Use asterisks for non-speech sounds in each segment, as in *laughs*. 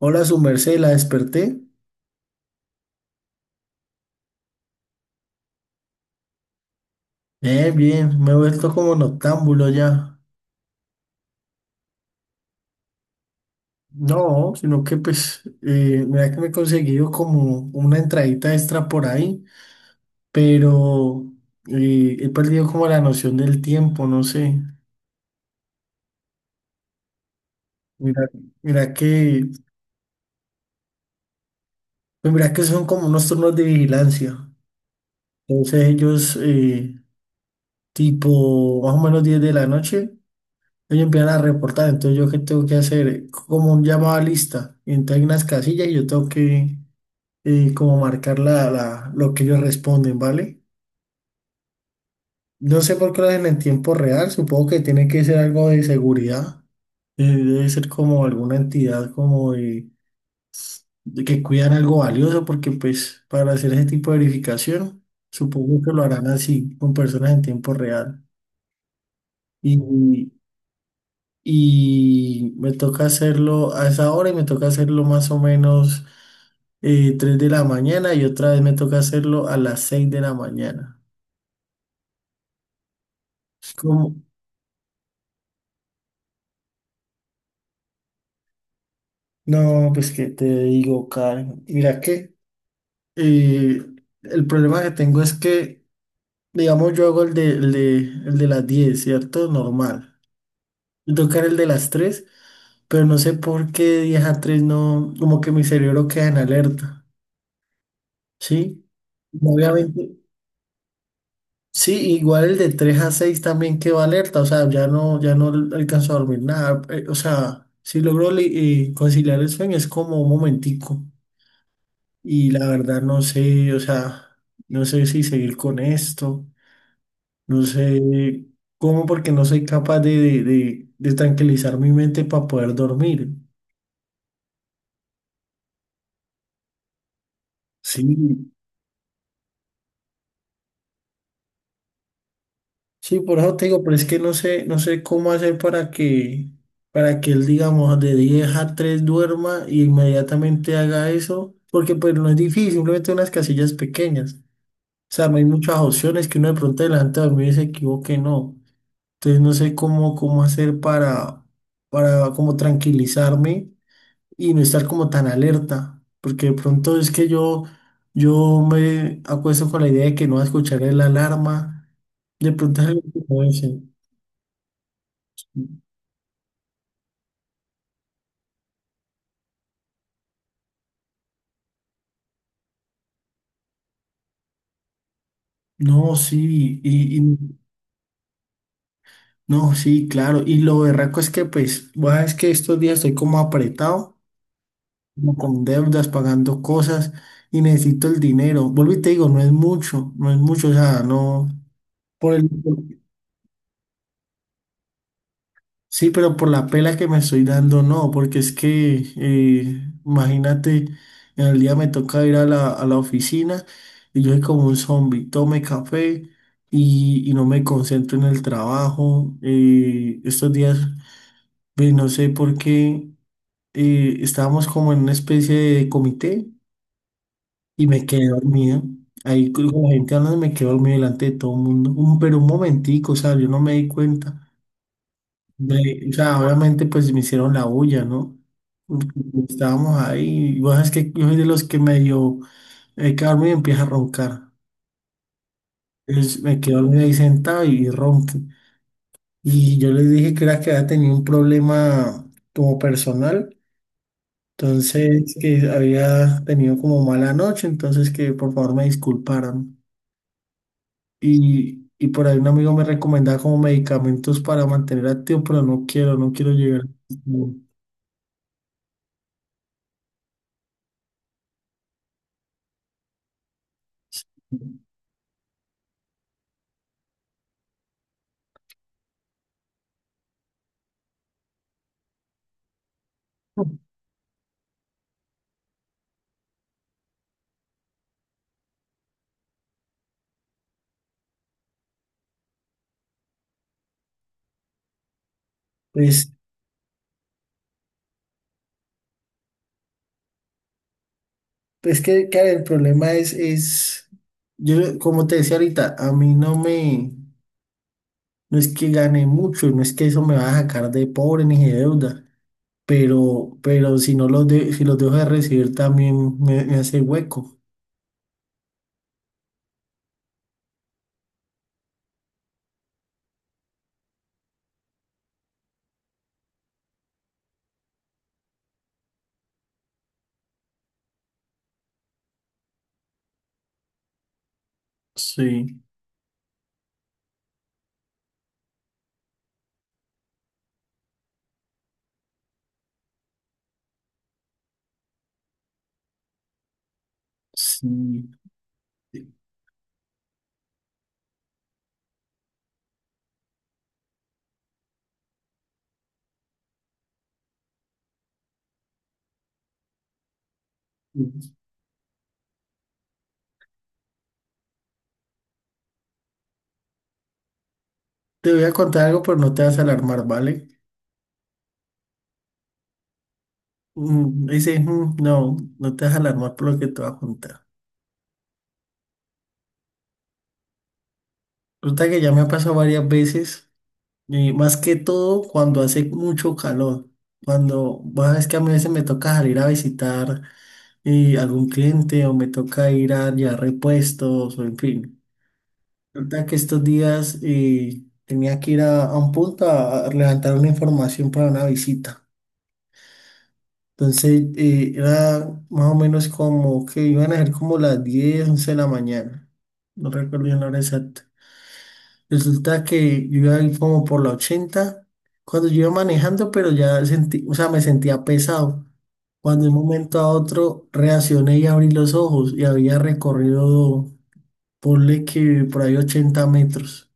Hola, su merced, la desperté. Bien, bien, me he vuelto como noctámbulo ya. No, sino que pues, mira que me he conseguido como una entradita extra por ahí, pero he perdido como la noción del tiempo, no sé. Mira, mira que, pues mira que son como unos turnos de vigilancia. Entonces ellos, tipo, más o menos 10 de la noche. Ellos empiezan a reportar, entonces yo qué tengo que hacer, como un llamado a lista, entonces hay unas casillas y yo tengo que, y como marcar lo que ellos responden, ¿vale? No sé por qué lo hacen en tiempo real, supongo que tiene que ser algo de seguridad, debe ser como alguna entidad como de que cuidan algo valioso, porque pues para hacer ese tipo de verificación, supongo que lo harán así, con personas en tiempo real. Y, y me toca hacerlo a esa hora y me toca hacerlo más o menos 3 de la mañana y otra vez me toca hacerlo a las 6 de la mañana. Es Como No, pues que te digo, Karen. Mira que eh, el problema que tengo es que, digamos, yo hago el de las 10, ¿cierto? Normal. Y tocar el de las 3, pero no sé por qué de 10 a tres no, como que mi cerebro queda en alerta, ¿sí? Claro. Obviamente, sí, igual el de 3 a 6 también quedó alerta, o sea, ya no, ya no alcanzo a dormir nada, o sea, si logro conciliar el sueño es como un momentico. Y la verdad no sé, o sea, no sé si seguir con esto, no sé cómo porque no soy capaz de tranquilizar mi mente para poder dormir. Sí, sí, por eso te digo, pero es que no sé, no sé cómo hacer para que él, digamos, de 10 a 3 duerma y inmediatamente haga eso, porque pues no es difícil, simplemente unas casillas pequeñas. O sea, no hay muchas opciones que uno de pronto delante de dormir y se equivoque, no. Entonces no sé cómo hacer para como tranquilizarme y no estar como tan alerta, porque de pronto es que yo me acuesto con la idea de que no va a escuchar la alarma, de pronto es algo que me dicen. No, sí, no, sí, claro, y lo berraco es que pues, bueno, es que estos días estoy como apretado, como con deudas, pagando cosas y necesito el dinero. Vuelvo y te digo, no es mucho, no es mucho, o sea, no, por el... Sí, pero por la pela que me estoy dando, no, porque es que, imagínate, en el día me toca ir a la oficina y yo soy como un zombie, tome café y no me concentro en el trabajo. Estos días, pues, no sé por qué, estábamos como en una especie de comité y me quedé dormido. Ahí con la gente hablando me quedé dormido delante de todo el mundo, un, pero un momentico, o sea, yo no me di cuenta. O sea, obviamente pues me hicieron la bulla, ¿no? Estábamos ahí, y vos sabes que yo soy de los que medio me quedo dormido y empieza a roncar. Entonces me quedo dormido ahí sentado y ronco. Y yo les dije que era que había tenido un problema como personal, entonces que había tenido como mala noche, entonces que por favor me disculparan. Y por ahí un amigo me recomendaba como medicamentos para mantener activo, pero no quiero, no quiero llegar. *laughs* Pues es que, claro, el problema es, yo como te decía ahorita, a mí no me, no es que gane mucho, no es que eso me va a sacar de pobre ni de deuda, pero si no si los dejo de recibir también me hace hueco. Sí, sí. Te voy a contar algo, pero no te vas a alarmar, ¿vale? No, no te vas a alarmar por lo que te voy a contar. Resulta que ya me ha pasado varias veces y más que todo cuando hace mucho calor, cuando, bueno, es que a mí a veces me toca salir a visitar algún cliente o me toca ir a llevar repuestos o en fin. Resulta que estos días tenía que ir a un punto a levantar una información para una visita. Entonces era más o menos como que iban a ser como las 10 u 11 de la mañana. No recuerdo bien la hora exacta. Resulta que yo iba ahí como por la 80 cuando yo iba manejando, pero ya sentí, o sea, me sentía pesado. Cuando de un momento a otro reaccioné y abrí los ojos y había recorrido, ponle que por ahí 80 metros.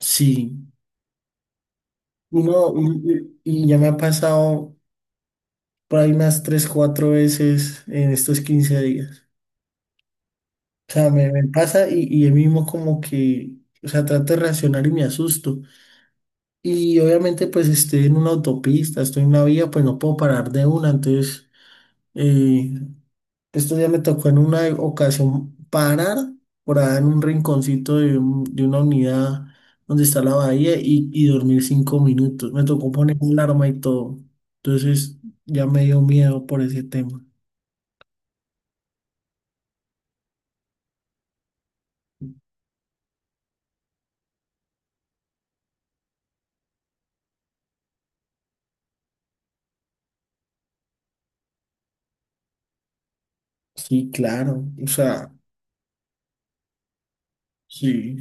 Sí, uno, y ya me ha pasado por ahí unas 3 4 veces en estos 15 días. O sea, me pasa y yo mismo como que, o sea, trato de reaccionar y me asusto. Y obviamente pues estoy en una autopista, estoy en una vía, pues no puedo parar de una. Entonces, eh, estos días me tocó en una ocasión parar por allá en un rinconcito de una unidad donde está la bahía y dormir 5 minutos. Me tocó poner alarma y todo. Entonces ya me dio miedo por ese tema. Sí, claro. O sea, sí.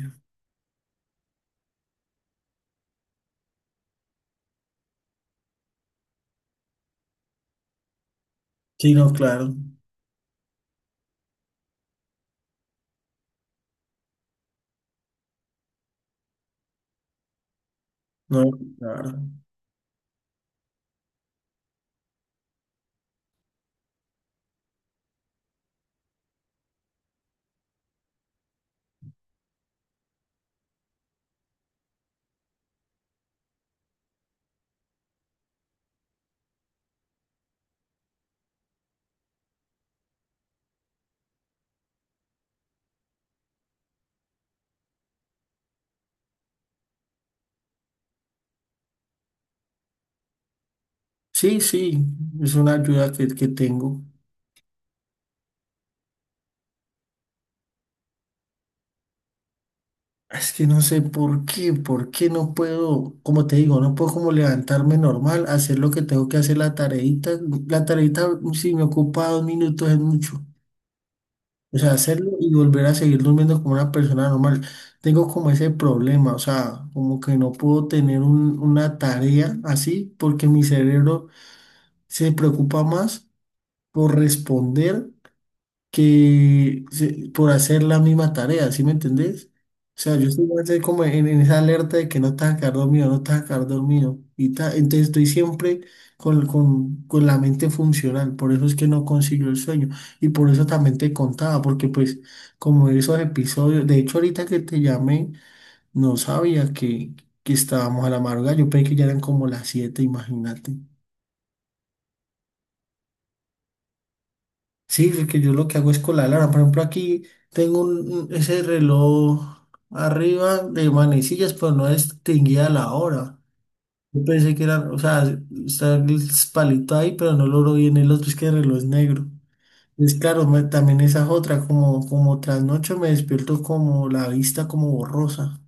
Sí, no, claro. No, claro. Sí, sí, es una ayuda que tengo. Es que no sé por qué no puedo, como te digo, no puedo como levantarme normal, hacer lo que tengo que hacer, la tareita si me ocupa 2 minutos es mucho. O sea, hacerlo y volver a seguir durmiendo como una persona normal. Tengo como ese problema, o sea, como que no puedo tener una tarea así porque mi cerebro se preocupa más por responder por hacer la misma tarea, ¿sí me entendés? O sea, yo estoy más de como en esa alerta de que no te vas a quedar dormido, no te vas a quedar dormido. Entonces estoy siempre con la mente funcional, por eso es que no consigo el sueño. Y por eso también te contaba, porque pues como esos episodios, de hecho ahorita que te llamé, no sabía que estábamos a la madrugada, yo pensé que ya eran como las 7, imagínate. Sí, porque yo lo que hago es con la alarma. Por ejemplo, aquí tengo ese reloj arriba de manecillas, pero no distinguía la hora. Yo pensé que era, o sea, está el palito ahí, pero no logro bien el otro, es que el reloj es negro. Es claro, también esa es otra, como, como tras me despierto como la vista como borrosa.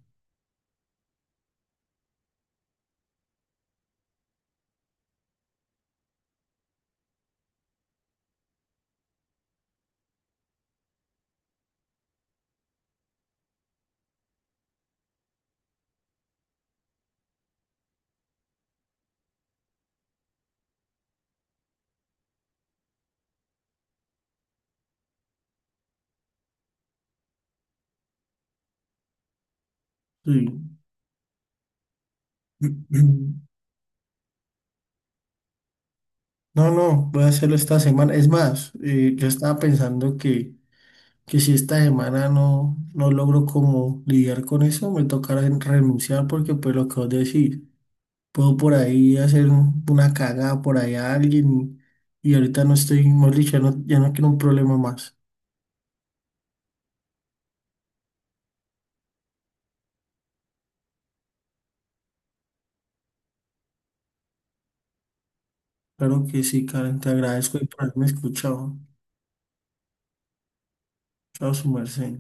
Sí. *clears throat* No, no, voy a hacerlo esta semana. Es más, yo estaba pensando que si esta semana no, no logro como lidiar con eso, me tocará renunciar porque pues lo que vos decís, puedo por ahí hacer una cagada por ahí a alguien y ahorita no estoy, mejor dicho, ya no, ya no quiero un problema más. Claro que sí, Karen, te agradezco y por haberme escuchado. Chao, su merced.